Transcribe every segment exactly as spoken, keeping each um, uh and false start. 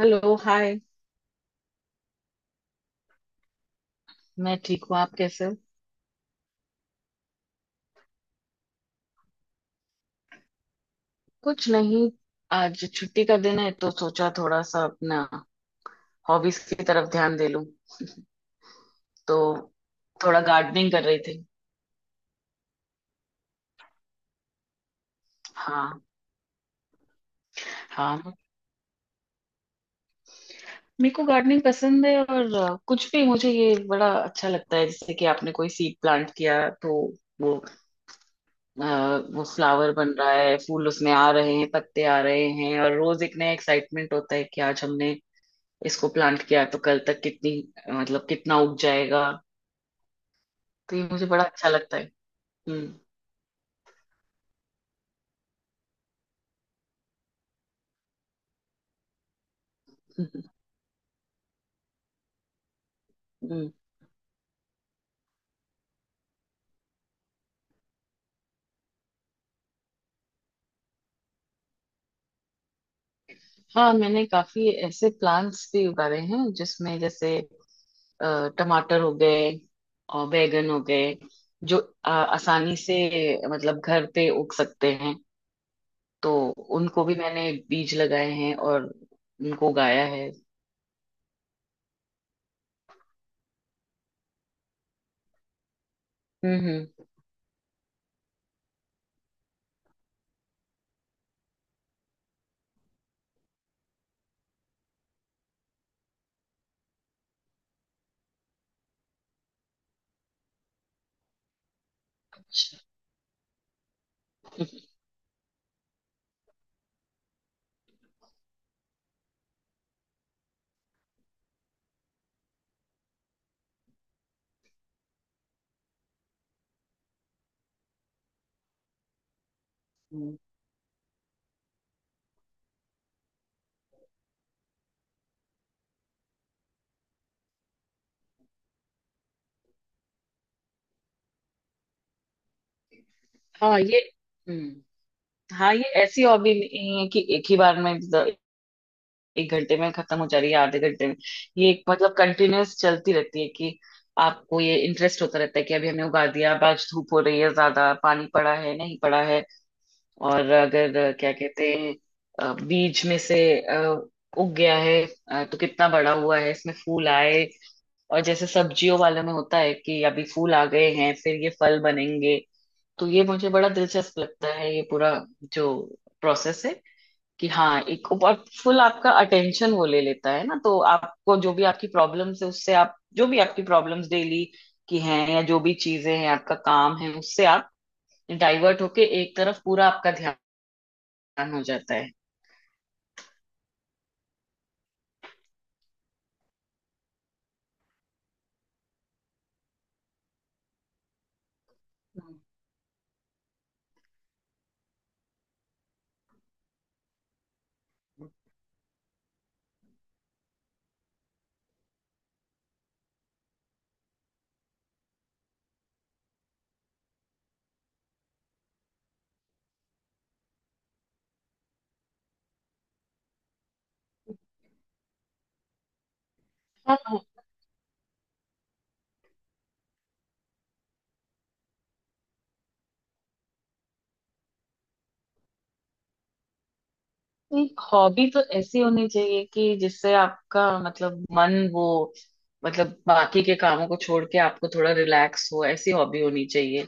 Hello hi. मैं ठीक हूँ, आप कैसे हो? कुछ नहीं। आज छुट्टी का दिन है तो सोचा थोड़ा सा अपना हॉबीज की तरफ ध्यान दे लूं। तो थोड़ा गार्डनिंग कर रही थी। हाँ। हाँ। मेरे को गार्डनिंग पसंद है, और अ, कुछ भी मुझे ये बड़ा अच्छा लगता है जैसे कि आपने कोई सीड प्लांट किया, तो वो आ, वो फ्लावर बन रहा है, फूल उसमें आ रहे हैं, पत्ते आ रहे हैं, और रोज एक नया एक्साइटमेंट होता है कि आज हमने इसको प्लांट किया तो कल तक कितनी मतलब कितना उग जाएगा। तो ये मुझे बड़ा अच्छा लगता है। हम्म। हम्म। हम्म। हाँ, मैंने काफी ऐसे प्लांट्स भी उगाए हैं जिसमें जैसे अ, टमाटर हो गए और बैगन हो गए, जो अ, आसानी से मतलब घर पे उग सकते हैं, तो उनको भी मैंने बीज लगाए हैं और उनको उगाया है। हम्म। हम्म। अच्छा। हम्म। हाँ ये हम्म हाँ, ये ऐसी हॉबी नहीं है कि एक ही बार में एक घंटे में खत्म हो जा रही है, आधे घंटे में। ये एक मतलब कंटिन्यूअस चलती रहती है कि आपको ये इंटरेस्ट होता रहता है कि अभी हमने उगा दिया, अब आज धूप हो रही है, ज्यादा पानी पड़ा है नहीं पड़ा है, और अगर अ, क्या कहते हैं, अ, बीज में से अ, उग गया है, अ, तो कितना बड़ा हुआ है, इसमें फूल आए। और जैसे सब्जियों वाले में होता है कि अभी फूल आ गए हैं, फिर ये फल बनेंगे। तो ये मुझे बड़ा दिलचस्प लगता है, ये पूरा जो प्रोसेस है, कि हाँ, एक और फुल आपका अटेंशन वो ले लेता है ना, तो आपको जो भी आपकी प्रॉब्लम्स है उससे, आप जो भी आपकी प्रॉब्लम्स डेली की हैं या जो भी चीजें हैं आपका काम है उससे आप डाइवर्ट होके एक तरफ पूरा आपका ध्यान हो जाता है। हम्म। हाँ, एक हॉबी तो ऐसी होनी चाहिए कि जिससे आपका मतलब मन वो मतलब बाकी के कामों को छोड़ के आपको थोड़ा रिलैक्स हो, ऐसी हॉबी होनी चाहिए।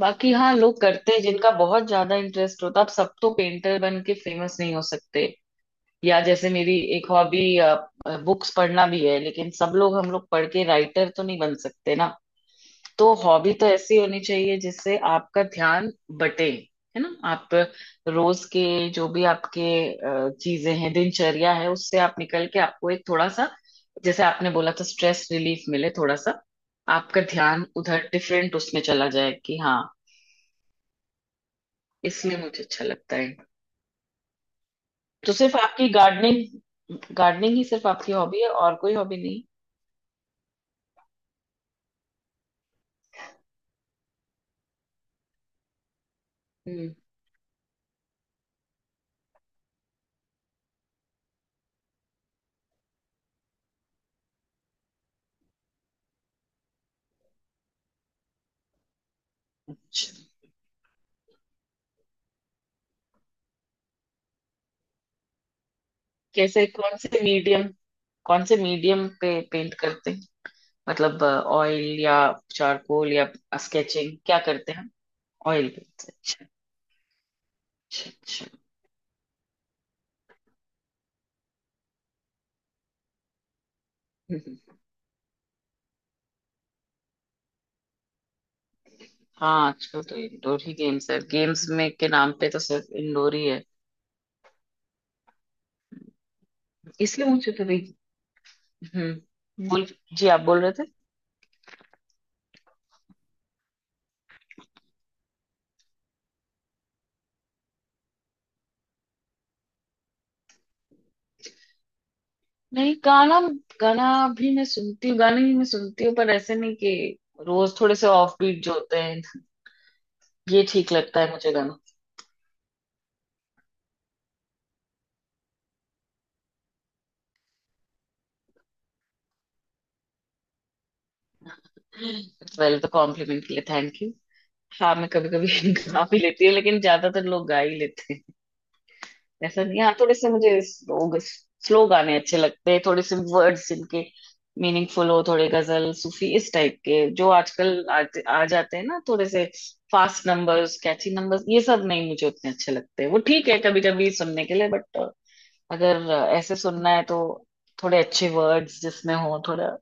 बाकी हाँ, लोग करते हैं जिनका बहुत ज्यादा इंटरेस्ट होता है, अब सब तो पेंटर बन के फेमस नहीं हो सकते। या जैसे मेरी एक हॉबी बुक्स पढ़ना भी है, लेकिन सब लोग हम लोग पढ़ के राइटर तो नहीं बन सकते ना। तो हॉबी तो ऐसी होनी चाहिए जिससे आपका ध्यान बटे, है ना, आप रोज के जो भी आपके अ, चीजें हैं, दिनचर्या है, उससे आप निकल के आपको एक थोड़ा सा, जैसे आपने बोला था, स्ट्रेस रिलीफ मिले, थोड़ा सा आपका ध्यान उधर डिफरेंट उसमें चला जाए कि हाँ, इसलिए मुझे अच्छा लगता है। तो सिर्फ आपकी गार्डनिंग गार्डनिंग ही सिर्फ आपकी हॉबी है और कोई हॉबी नहीं? हम्म। अच्छा। कैसे कौन से मीडियम कौन से मीडियम पे पेंट करते हैं? मतलब ऑयल या चारकोल या स्केचिंग क्या करते हैं? ऑयल पे। अच्छा, अच्छा, अच्छा। हम्म। हाँ, आजकल तो इंडोर ही गेम्स है, गेम्स में के नाम पे तो सिर्फ इंडोर ही है, इसलिए मुझे तो नहीं। हम्म। बोल जी, आप बोल रहे थे? नहीं, गाना गाना भी मैं सुनती हूँ, गाने भी मैं सुनती हूँ, पर ऐसे नहीं कि रोज। थोड़े से ऑफ बीट जो होते हैं ये ठीक लगता है मुझे गाना। वेल, तो कॉम्प्लीमेंट के लिए थैंक यू। हाँ, मैं कभी कभी गा भी लेती हूँ, लेकिन ज्यादातर लोग गा ही लेते हैं, ऐसा नहीं है। हाँ, थोड़े से मुझे स्लो गाने अच्छे लगते हैं, थोड़े से वर्ड्स जिनके मीनिंगफुल हो, थोड़े गजल सूफी इस टाइप के जो आजकल आते आ जाते हैं ना। थोड़े से फास्ट नंबर्स कैची नंबर्स ये सब नहीं मुझे उतने अच्छे लगते, वो ठीक है कभी कभी सुनने के लिए, बट अगर ऐसे सुनना है तो थोड़े अच्छे वर्ड्स जिसमें हो, थोड़ा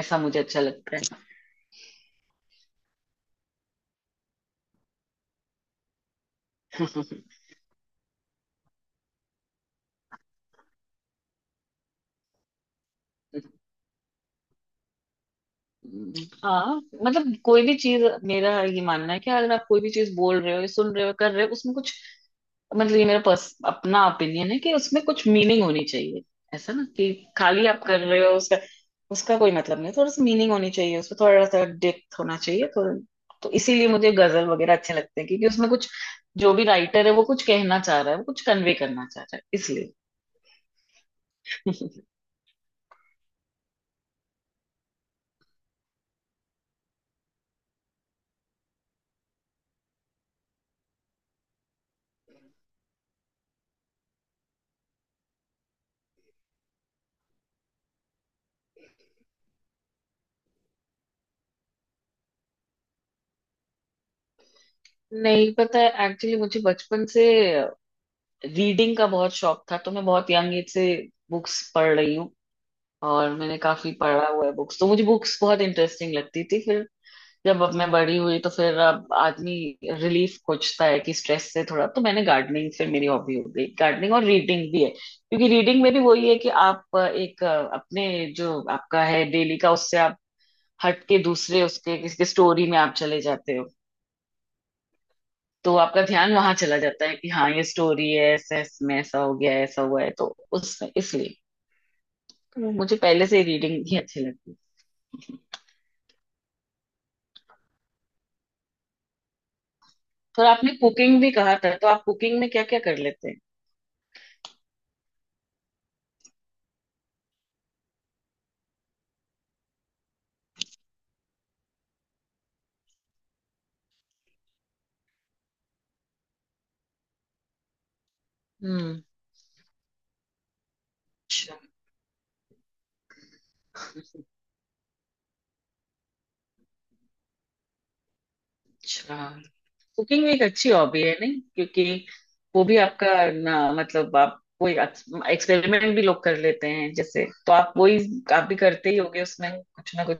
ऐसा मुझे अच्छा लगता है। हाँ, मतलब कोई भी चीज मेरा ये मानना है कि अगर आप कोई भी चीज बोल रहे हो या सुन रहे हो कर रहे हो उसमें कुछ मतलब, ये मेरा पर्स अपना ओपिनियन है कि उसमें कुछ मीनिंग होनी चाहिए, ऐसा ना कि खाली आप कर रहे हो, उसका उसका कोई मतलब नहीं, थोड़ा सा मीनिंग होनी चाहिए उसमें, थोड़ा सा डेप्थ होना चाहिए, तो तो इसीलिए मुझे गजल वगैरह अच्छे लगते हैं क्योंकि उसमें कुछ जो भी राइटर है वो कुछ कहना चाह रहा है, वो कुछ कन्वे करना चाह रहा है, इसलिए। नहीं पता है एक्चुअली, मुझे बचपन से रीडिंग का बहुत शौक था, तो मैं बहुत यंग एज से बुक्स पढ़ रही हूँ और मैंने काफी पढ़ा हुआ है बुक्स, तो मुझे बुक्स बहुत इंटरेस्टिंग लगती थी। फिर जब अब मैं बड़ी हुई तो फिर अब आदमी रिलीफ खोजता है कि स्ट्रेस से थोड़ा, तो मैंने गार्डनिंग फिर मेरी हॉबी हो गई, गार्डनिंग और रीडिंग भी है, क्योंकि रीडिंग में भी वही है कि आप अ, एक अ, अपने जो आपका है डेली का उससे आप हट के दूसरे उसके किसी स्टोरी में आप चले जाते हो। तो आपका ध्यान वहां चला जाता है कि हाँ, ये स्टोरी है ऐसा, इसमें ऐसा हो गया है, ऐसा हुआ है, तो उसमें इसलिए तो मुझे पहले से रीडिंग ही अच्छी लगती है। और आपने कुकिंग भी कहा था, तो आप कुकिंग में क्या क्या कर लेते हैं? हम्म। अच्छा। अच्छा। कुकिंग एक अच्छी हॉबी है नहीं, क्योंकि वो भी आपका ना, मतलब आप कोई एक्सपेरिमेंट भी लोग कर लेते हैं जैसे, तो आप वही, आप भी करते ही होगे उसमें कुछ ना कुछ,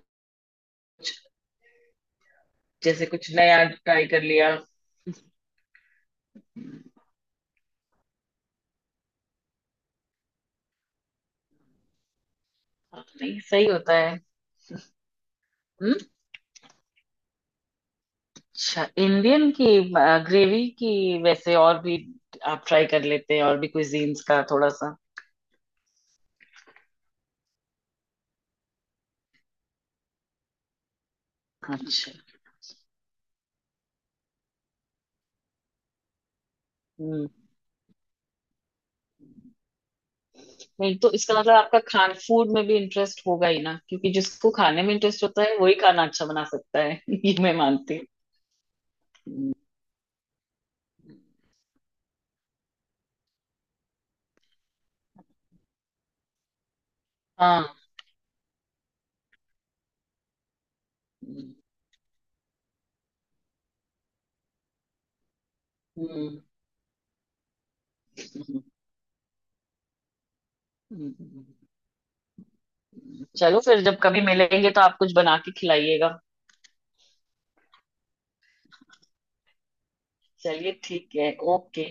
जैसे कुछ नया ट्राई कर लिया। नहीं सही होता है। हम्म, अच्छा, इंडियन की ग्रेवी की वैसे, और भी आप ट्राई कर लेते हैं और भी कुजीन्स का थोड़ा सा? अच्छा। हम्म। नहीं तो इसका मतलब आपका खान फूड में भी इंटरेस्ट होगा ही ना, क्योंकि जिसको खाने में इंटरेस्ट होता है वही खाना अच्छा बना सकता है ये मैं मानती हूँ। हाँ। हम्म। हम्म। हम्म। हम्म। चलो फिर, जब कभी मिलेंगे तो आप कुछ बना के खिलाइएगा। चलिए, ठीक है, ओके।